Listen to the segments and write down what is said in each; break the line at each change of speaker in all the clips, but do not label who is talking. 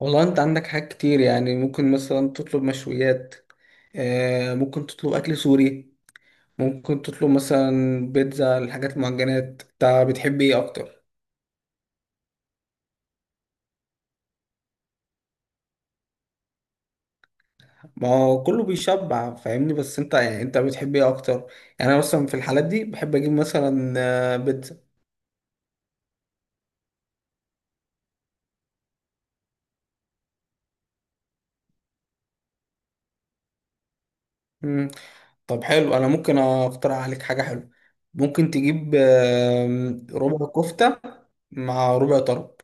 والله انت عندك حاجات كتير يعني ممكن مثلا تطلب مشويات. ممكن تطلب اكل سوري. ممكن تطلب مثلا بيتزا الحاجات المعجنات، انت بتحب ايه اكتر؟ ما هو كله بيشبع فاهمني، بس انت بتحب ايه اكتر؟ يعني انا مثلا في الحالات دي بحب اجيب مثلا بيتزا. مم. طب حلو، انا ممكن اقترح عليك حاجه حلوه. ممكن تجيب ربع كفته مع ربع طرب.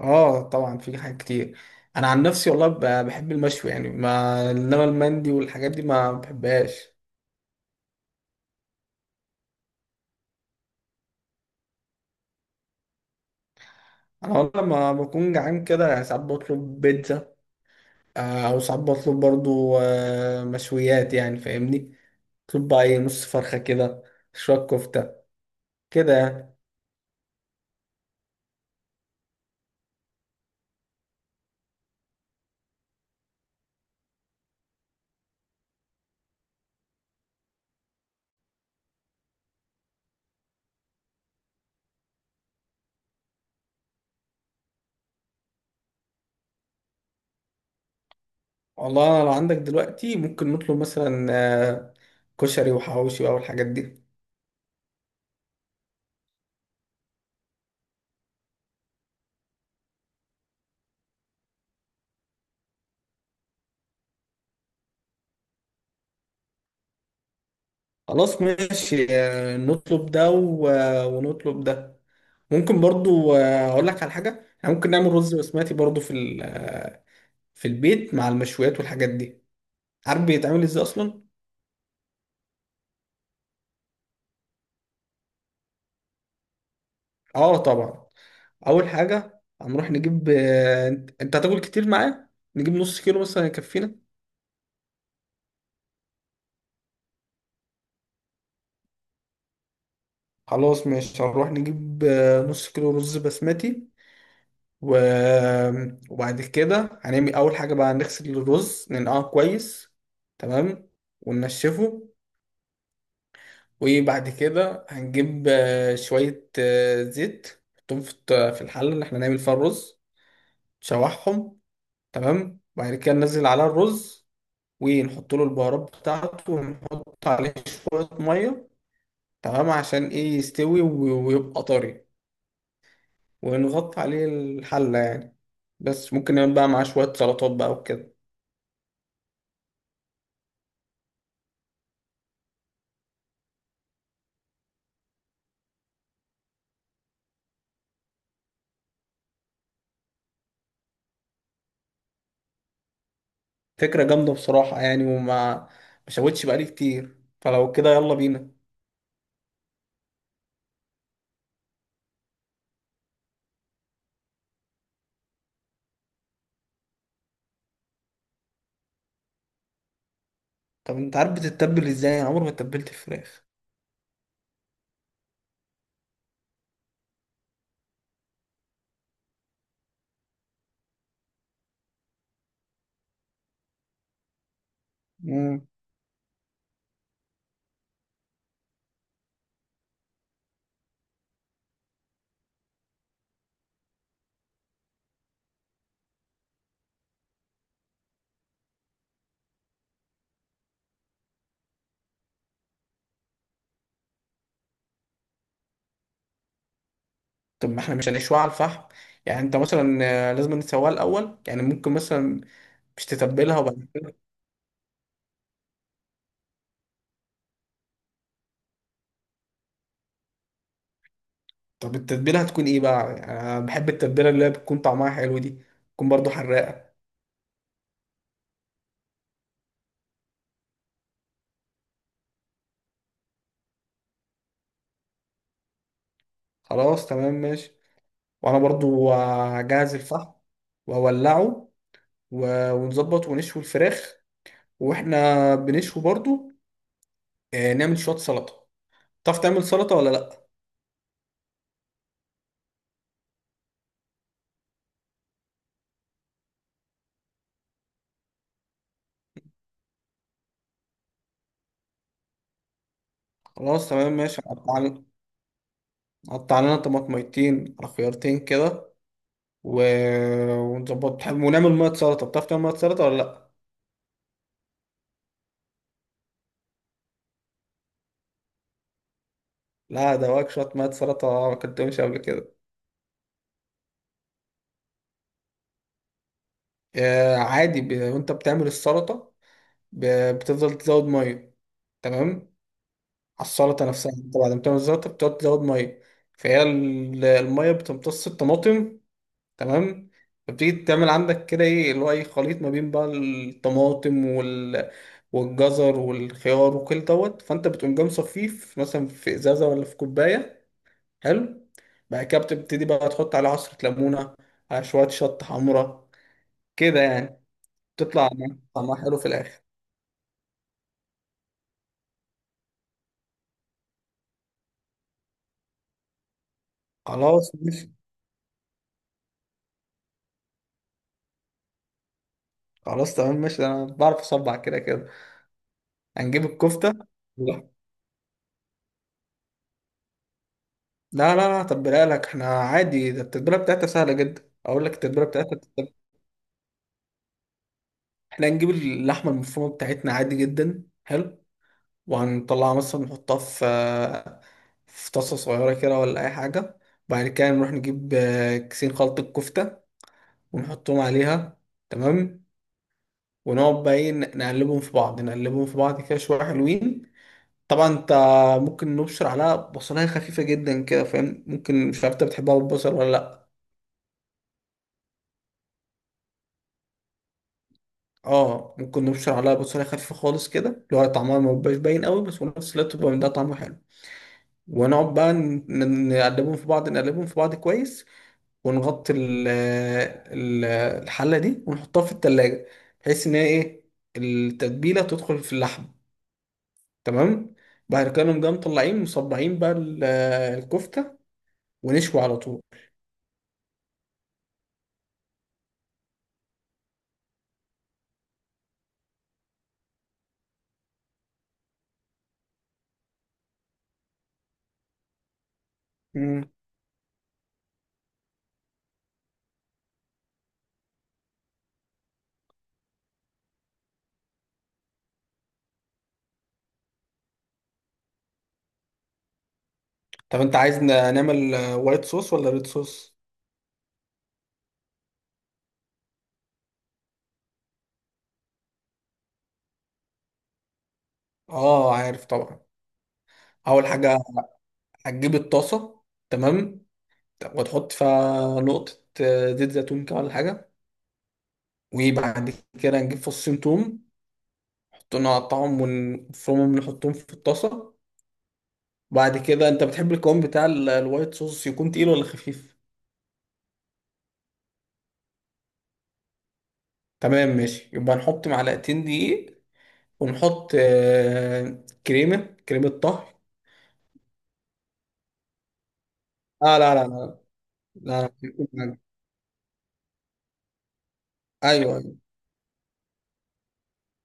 اه طبعا في حاجات كتير. انا عن نفسي والله بحب المشوي يعني، ما انما المندي والحاجات دي ما بحبهاش. انا والله لما بكون جعان كده يعني ساعات بطلب بيتزا، او ساعات بطلب برضو مشويات يعني فاهمني. بطلب بقى ايه، نص فرخه كده، شويه كفته، كده يعني. والله انا لو عندك دلوقتي ممكن نطلب مثلا كشري وحواوشي بقى والحاجات دي. خلاص ماشي، نطلب ده و ونطلب ده. ممكن برضو اقول لك على حاجه، احنا ممكن نعمل رز بسمتي برضو في في البيت مع المشويات والحاجات دي. عارف بيتعمل ازاي اصلا؟ اه طبعا. اول حاجه هنروح نجيب آه، انت أنت هتاكل كتير معايا، نجيب نص كيلو مثلا يكفينا. خلاص ماشي، هنروح نجيب نص كيلو رز بسمتي و... وبعد كده هنعمل اول حاجه بقى، هنغسل الرز ننقعه كويس. تمام. وننشفه. وبعد كده هنجيب شوية زيت، نحطهم في في الحلة اللي احنا هنعمل فيها الرز، نشوحهم. تمام. وبعد كده ننزل على الرز، ونحط له البهارات بتاعته، ونحط عليه شوية مية. تمام، عشان ايه يستوي ويبقى طري، ونغطي عليه الحلة يعني. بس ممكن نعمل بقى معاه شوية سلطات بقى وكده. فكرة جامدة بصراحة يعني، وما مشوتش بقالي كتير، فلو كده يلا بينا. طب انت عارف بتتبل ازاي؟ انا عمري ما اتبلت الفراخ. طب ما احنا مش هنشوي على الفحم؟ يعني انت مثلا لازم نسويها الاول يعني ممكن مثلا مش تتبلها وبعد كده. طب التتبيله هتكون ايه بقى؟ يعني انا بحب التتبيله اللي هي بتكون طعمها حلو دي، تكون برضو حراقه. خلاص تمام ماشي. وانا برضو هجهز الفحم واولعه ونظبط ونشوي الفراخ، واحنا بنشوي برضو نعمل شويه سلطه. تعرف تعمل سلطه ولا لا؟ خلاص تمام ماشي، قطع لنا. قطع لنا طماطميتين على خيارتين كده و... ونظبط ونعمل ميه سلطه. بتعرف تعمل ميه سلطه ولا لا؟ لا، ده واك شويه ميه سلطه، ما كنتهمش قبل كده. آه عادي. وانت بتعمل السلطه، ب... بتفضل تزود ميه. تمام. على السلطه نفسها، انت بعد ما تعمل السلطه بتقعد تزود ميه. فهي الميه بتمتص الطماطم. تمام. فبتيجي تعمل عندك كده ايه اللي هو ايه، خليط ما بين بقى الطماطم والجزر والخيار وكل دوت، فانت بتقوم جاي مصفيه مثلا في ازازه ولا في كوبايه. حلو. بعد كده بتبتدي بقى تحط عليه عصرة ليمونة، على شوية شطة حمرا كده يعني، تطلع طعمها حلو في الآخر. خلاص ماشي. خلاص تمام ماشي، ده أنا بعرف أصبع كده كده. هنجيب الكفتة. لا. لا، تبلها لك احنا عادي، ده التتبيلة بتاعتها سهلة جدا. أقول لك التتبيلة بتاعتها بتتبل. احنا هنجيب اللحمة المفرومة بتاعتنا عادي جدا، حلو، وهنطلعها مثلا نحطها في في طاسة صغيرة كده ولا أي حاجة. بعد كده نروح نجيب كيسين خلطة كفتة ونحطهم عليها. تمام. ونقعد بقى ايه، نقلبهم في بعض، نقلبهم في بعض كده شويه حلوين. طبعا انت ممكن نبشر عليها بصلايه خفيفه جدا كده فاهم، ممكن مش عارف انت بتحبها بالبصل ولا لا. اه ممكن نبشر عليها بصلايه خفيفه خالص كده، اللي هو طعمها ما بيبقاش باين قوي، بس في نفس الوقت بيبقى من ده طعمه حلو. ونقعد بقى نقلبهم في بعض، نقلبهم في بعض كويس، ونغطي ال- الحله دي ونحطها في التلاجة، بحيث ان هي ايه، التتبيله تدخل في اللحم. تمام. بعد كده نقوم جاي مطلعين مصبعين بقى الكفتة، ونشوي على طول. مم. طب انت عايز نعمل وايت صوص ولا ريد صوص؟ اه عارف طبعا. اول حاجة هتجيب الطاسة. تمام. وتحط فيها نقطة زيت زيتون كده ولا حاجة. وبعد كده نجيب فصين توم، نحطهم نقطعهم ونفرمهم، نحطهم في الطاسة. بعد كده انت بتحب القوام بتاع الوايت صوص يكون تقيل ولا خفيف؟ تمام ماشي، يبقى نحط معلقتين دقيق، ونحط كريمة، كريمة طهي. اه لا. لا، بيكون عجب. ايوه ايوه.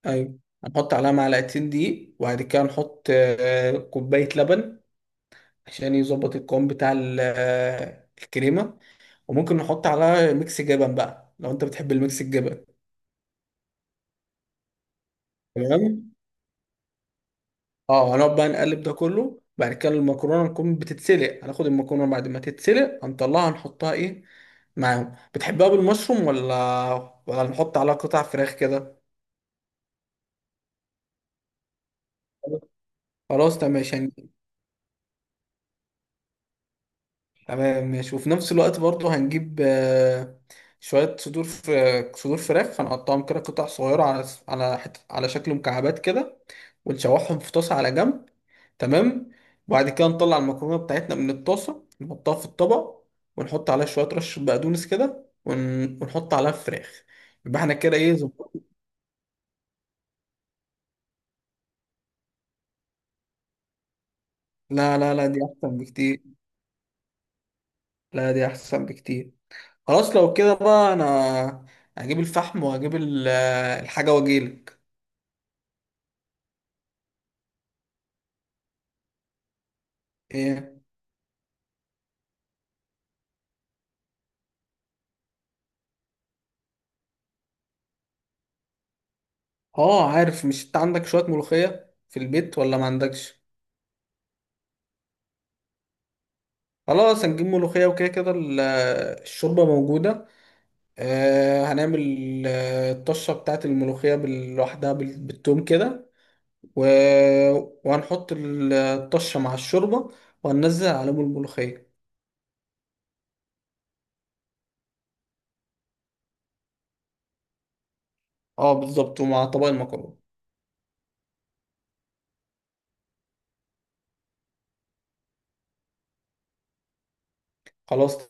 ايوه هنحط عليها معلقتين دقيق، وبعد كده نحط كوباية لبن، عشان يظبط القوام بتاع الكريمة. وممكن نحط عليها ميكس جبن بقى لو انت بتحب الميكس الجبن. تمام. اه هنقعد بقى نقلب ده كله، بعد كده المكرونة نكون بتتسلق، هناخد المكرونة بعد ما تتسلق هنطلعها نحطها ايه معاهم. بتحبها بالمشروم ولا ولا نحط عليها قطع فراخ كده؟ خلاص تمام ماشي. تمام ماشي. وفي نفس الوقت برضه هنجيب شوية صدور، صدور فراخ، هنقطعهم كده قطع صغيرة على على على شكل مكعبات كده، ونشوحهم في طاسة على جنب. تمام. وبعد كده نطلع المكرونة بتاعتنا من الطاسة نحطها في الطبق، ونحط عليها شوية رشة بقدونس كده ونحط عليها الفراخ. يبقى احنا كده ايه، ظبطنا. لا لا لا، دي أحسن بكتير. لا دي أحسن بكتير. خلاص لو كده بقى، انا هجيب الفحم وهجيب الحاجة واجيلك. ايه؟ اه عارف. مش انت عندك شوية ملوخية في البيت ولا ما عندكش؟ خلاص هنجيب ملوخية، وكده كده الشوربة موجودة. آه هنعمل الطشة بتاعت الملوخية لوحدها بالتوم كده و... وهنحط الطشة مع الشوربة، وهننزل عليهم الملوخية. اه بالظبط، ومع طبق المكرونة. خلاص.